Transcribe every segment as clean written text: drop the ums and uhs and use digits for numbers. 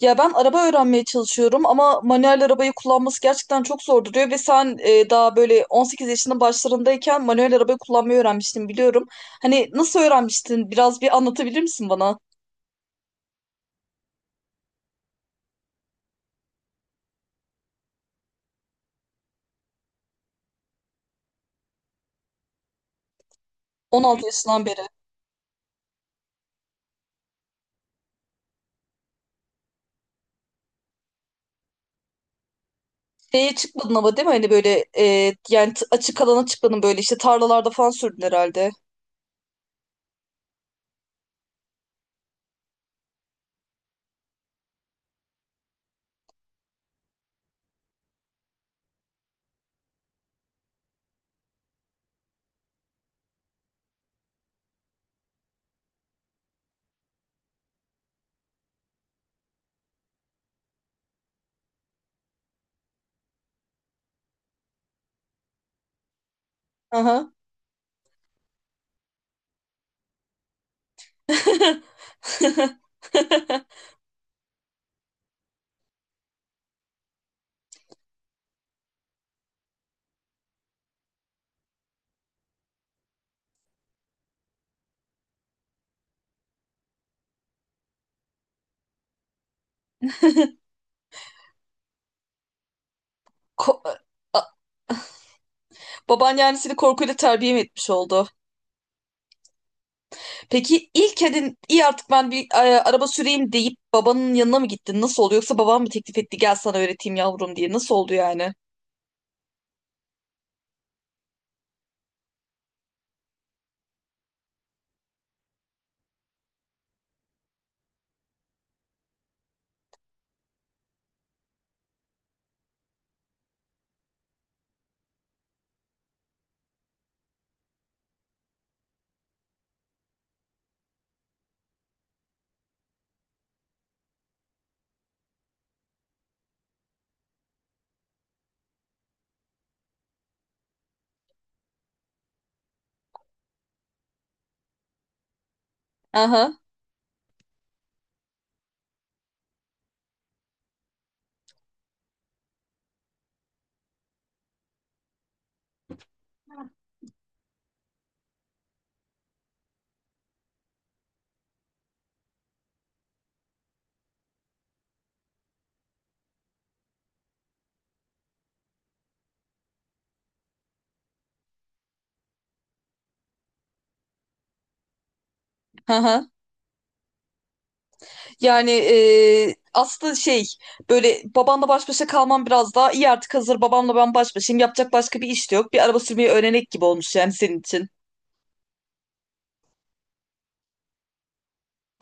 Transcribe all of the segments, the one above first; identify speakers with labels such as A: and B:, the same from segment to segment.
A: Ya ben araba öğrenmeye çalışıyorum ama manuel arabayı kullanması gerçekten çok zor duruyor ve sen daha böyle 18 yaşının başlarındayken manuel arabayı kullanmayı öğrenmiştin biliyorum. Hani nasıl öğrenmiştin? Biraz bir anlatabilir misin bana? 16 yaşından beri. Şeye çıkmadın ama değil mi? Hani böyle açık alana çıkmadın böyle işte tarlalarda falan sürdün herhalde. Aha. Ko- A- Baban yani seni korkuyla terbiye mi etmiş oldu? Peki ilk edin iyi artık ben bir araba süreyim deyip babanın yanına mı gittin? Nasıl oldu? Yoksa baban mı teklif etti gel sana öğreteyim yavrum diye. Nasıl oldu yani? Aha, aha. Yani aslında şey böyle babanla baş başa kalmam biraz daha iyi artık hazır babamla ben baş başayım. Yapacak başka bir iş de yok. Bir araba sürmeyi öğrenek gibi olmuş yani senin için.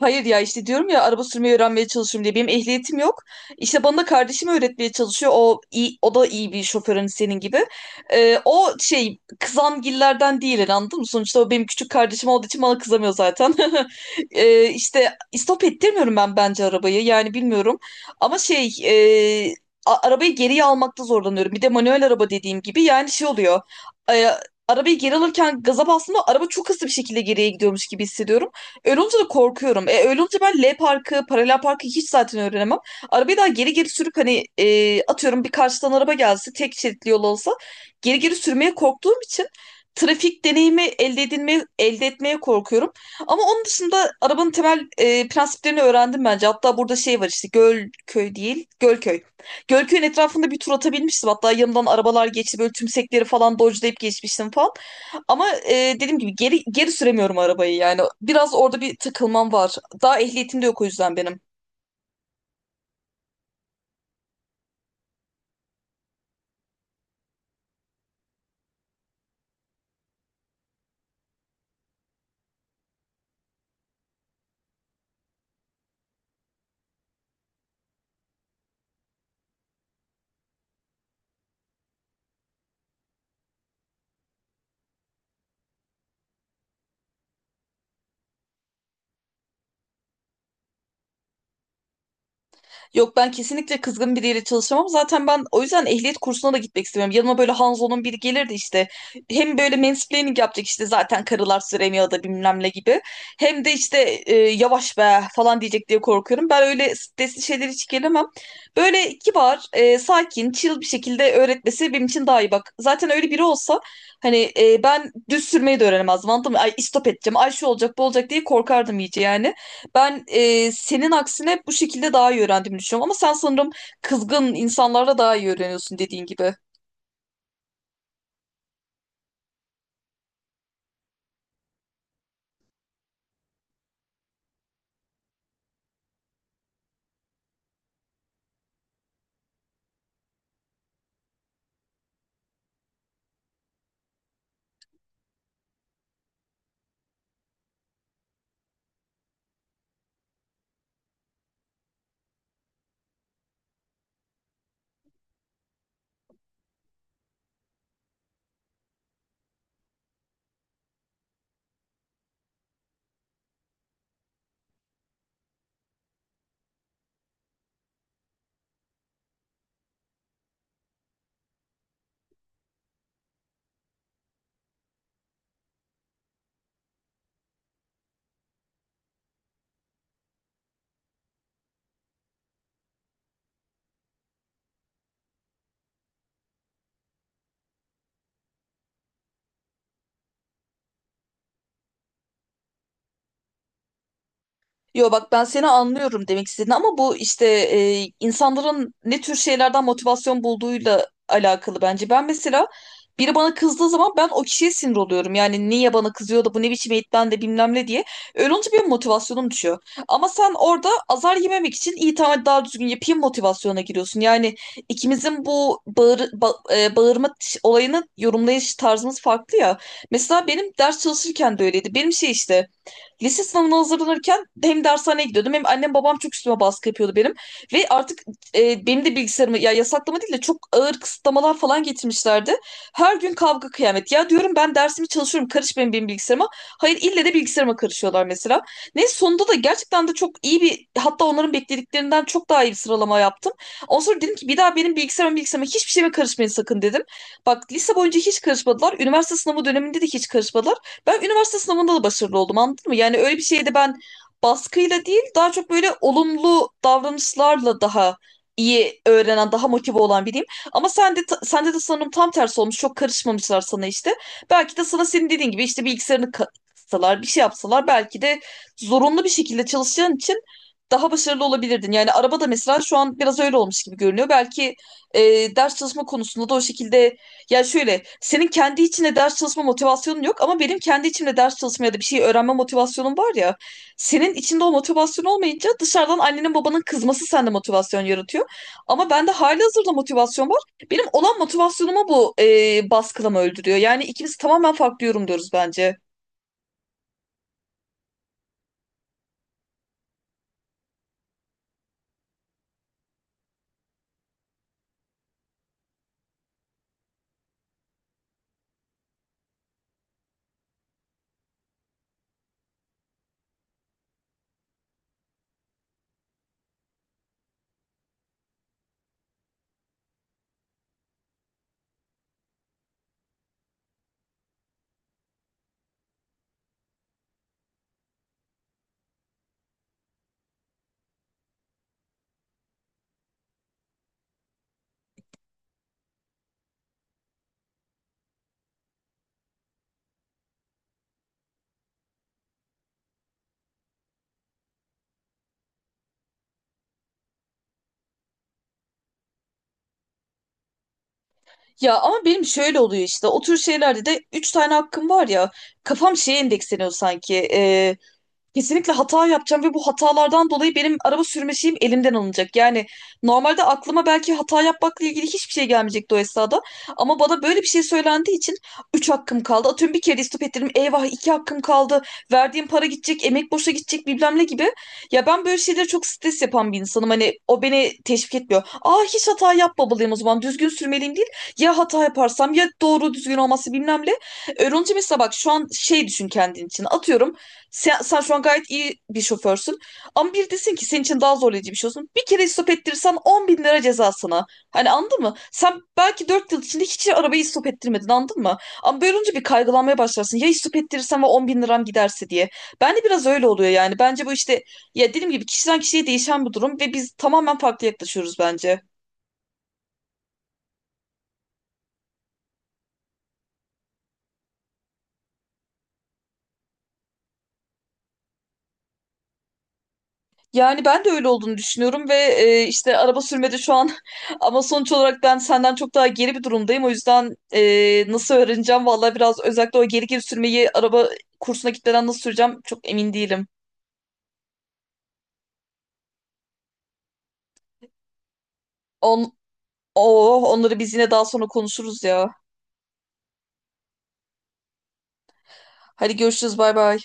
A: Hayır ya işte diyorum ya araba sürmeyi öğrenmeye çalışıyorum diye. Benim ehliyetim yok. İşte bana da kardeşim öğretmeye çalışıyor. O iyi, o da iyi bir şoförün senin gibi. O şey kızamgillerden değil yani, anladın mı? Sonuçta o benim küçük kardeşim olduğu için bana kızamıyor zaten. İşte istop ettirmiyorum ben bence arabayı. Yani bilmiyorum. Ama şey arabayı geriye almakta zorlanıyorum. Bir de manuel araba dediğim gibi yani şey oluyor. Ee, arabayı geri alırken gaza bastığımda araba çok hızlı bir şekilde geriye gidiyormuş gibi hissediyorum. Öyle olunca da korkuyorum. Öyle olunca ben L parkı, paralel parkı hiç zaten öğrenemem. Arabayı daha geri geri sürüp hani atıyorum bir karşıdan araba gelse tek şeritli yol olsa geri geri sürmeye korktuğum için trafik deneyimi elde edilmeye, elde etmeye korkuyorum. Ama onun dışında arabanın temel prensiplerini öğrendim bence. Hatta burada şey var işte Gölköy değil, Gölköy. Gölköy'ün etrafında bir tur atabilmiştim. Hatta yanımdan arabalar geçti böyle tümsekleri falan dodge'layıp geçmiştim falan. Ama dediğim gibi geri geri süremiyorum arabayı yani. Biraz orada bir takılmam var. Daha ehliyetim de yok o yüzden benim. Yok ben kesinlikle kızgın biriyle çalışamam. Zaten ben o yüzden ehliyet kursuna da gitmek istemiyorum. Yanıma böyle Hanzo'nun biri gelirdi işte. Hem böyle mansplaining yapacak işte zaten karılar süremiyor da bilmem ne gibi. Hem de işte yavaş be falan diyecek diye korkuyorum. Ben öyle stresli şeyler hiç gelemem. Böyle kibar, sakin, chill bir şekilde öğretmesi benim için daha iyi bak. Zaten öyle biri olsa hani ben düz sürmeyi de öğrenemezdim anladın mı? Ay istop edeceğim, ay şu olacak bu olacak diye korkardım iyice yani. Ben senin aksine bu şekilde daha iyi öğrendiğimi düşünüyorum. Ama sen sanırım kızgın insanlarla daha iyi öğreniyorsun dediğin gibi. Yo bak ben seni anlıyorum demek istediğini ama bu işte insanların ne tür şeylerden motivasyon bulduğuyla alakalı bence. Ben mesela biri bana kızdığı zaman ben o kişiye sinir oluyorum. Yani niye bana kızıyor da bu ne biçim eğitmen de bilmem ne diye. Öyle olunca benim motivasyonum düşüyor. Ama sen orada azar yememek için iyi tamam hadi daha düzgün yapayım motivasyona giriyorsun. Yani ikimizin bu bağırma olayını yorumlayış tarzımız farklı ya. Mesela benim ders çalışırken de öyleydi. Benim şey işte lise sınavına hazırlanırken hem dershaneye gidiyordum hem annem babam çok üstüme baskı yapıyordu benim. Ve artık benim de bilgisayarımı ya yasaklama değil de çok ağır kısıtlamalar falan getirmişlerdi. Her gün kavga kıyamet. Ya diyorum ben dersimi çalışıyorum karış benim bilgisayarıma. Hayır ille de bilgisayarıma karışıyorlar mesela. Ne sonunda da gerçekten de çok iyi bir hatta onların beklediklerinden çok daha iyi bir sıralama yaptım. Ondan sonra dedim ki bir daha benim bilgisayarıma hiçbir şeyime karışmayın sakın dedim. Bak lise boyunca hiç karışmadılar. Üniversite sınavı döneminde de hiç karışmadılar. Ben üniversite sınavında da başarılı oldum anladın mı? Yani öyle bir şeyde ben baskıyla değil daha çok böyle olumlu davranışlarla daha iyi öğrenen, daha motive olan biriyim. Ama sende de sanırım tam tersi olmuş. Çok karışmamışlar sana işte. Belki de sana senin dediğin gibi işte bilgisayarını katsalar, bir şey yapsalar belki de zorunlu bir şekilde çalışacağın için daha başarılı olabilirdin. Yani arabada mesela şu an biraz öyle olmuş gibi görünüyor. Belki e, ders çalışma konusunda da o şekilde ya şöyle, senin kendi içinde ders çalışma motivasyonun yok ama benim kendi içimde ders çalışma ya da bir şey öğrenme motivasyonum var ya. Senin içinde o motivasyon olmayınca dışarıdan annenin babanın kızması sende motivasyon yaratıyor. Ama bende halihazırda motivasyon var. Benim olan motivasyonumu bu baskılama öldürüyor. Yani ikimiz tamamen farklı yorumluyoruz bence. Ya ama benim şöyle oluyor işte o tür şeylerde de 3 tane hakkım var ya kafam şeye endeksleniyor sanki. Kesinlikle hata yapacağım ve bu hatalardan dolayı benim araba sürme şeyim elimden alınacak. Yani normalde aklıma belki hata yapmakla ilgili hiçbir şey gelmeyecekti o esnada. Ama bana böyle bir şey söylendiği için 3 hakkım kaldı. Atıyorum bir kere de istop ettirdim. Eyvah 2 hakkım kaldı. Verdiğim para gidecek, emek boşa gidecek bilmem ne gibi. Ya ben böyle şeylere çok stres yapan bir insanım. Hani o beni teşvik etmiyor. Aa hiç hata yapmamalıyım o zaman. Düzgün sürmeliyim değil. Ya hata yaparsam ya doğru düzgün olması bilmem ne. Öğrenci mesela bak şu an şey düşün kendin için. Atıyorum sen şu an gayet iyi bir şoförsün. Ama bir desin ki senin için daha zorlayıcı bir şey olsun. Bir kere stop ettirirsen 10 bin lira ceza sana. Hani anladın mı? Sen belki 4 yıl içinde hiç arabayı stop ettirmedin anladın mı? Ama böyle olunca bir kaygılanmaya başlarsın. Ya hiç stop ettirirsem ve 10 bin liram giderse diye. Ben de biraz öyle oluyor yani. Bence bu işte ya dediğim gibi kişiden kişiye değişen bir durum ve biz tamamen farklı yaklaşıyoruz bence. Yani ben de öyle olduğunu düşünüyorum ve işte araba sürmede şu an ama sonuç olarak ben senden çok daha geri bir durumdayım. O yüzden nasıl öğreneceğim vallahi biraz özellikle o geri geri sürmeyi araba kursuna gitmeden nasıl süreceğim çok emin değilim. On, oh, onları biz yine daha sonra konuşuruz ya. Hadi görüşürüz bay bay.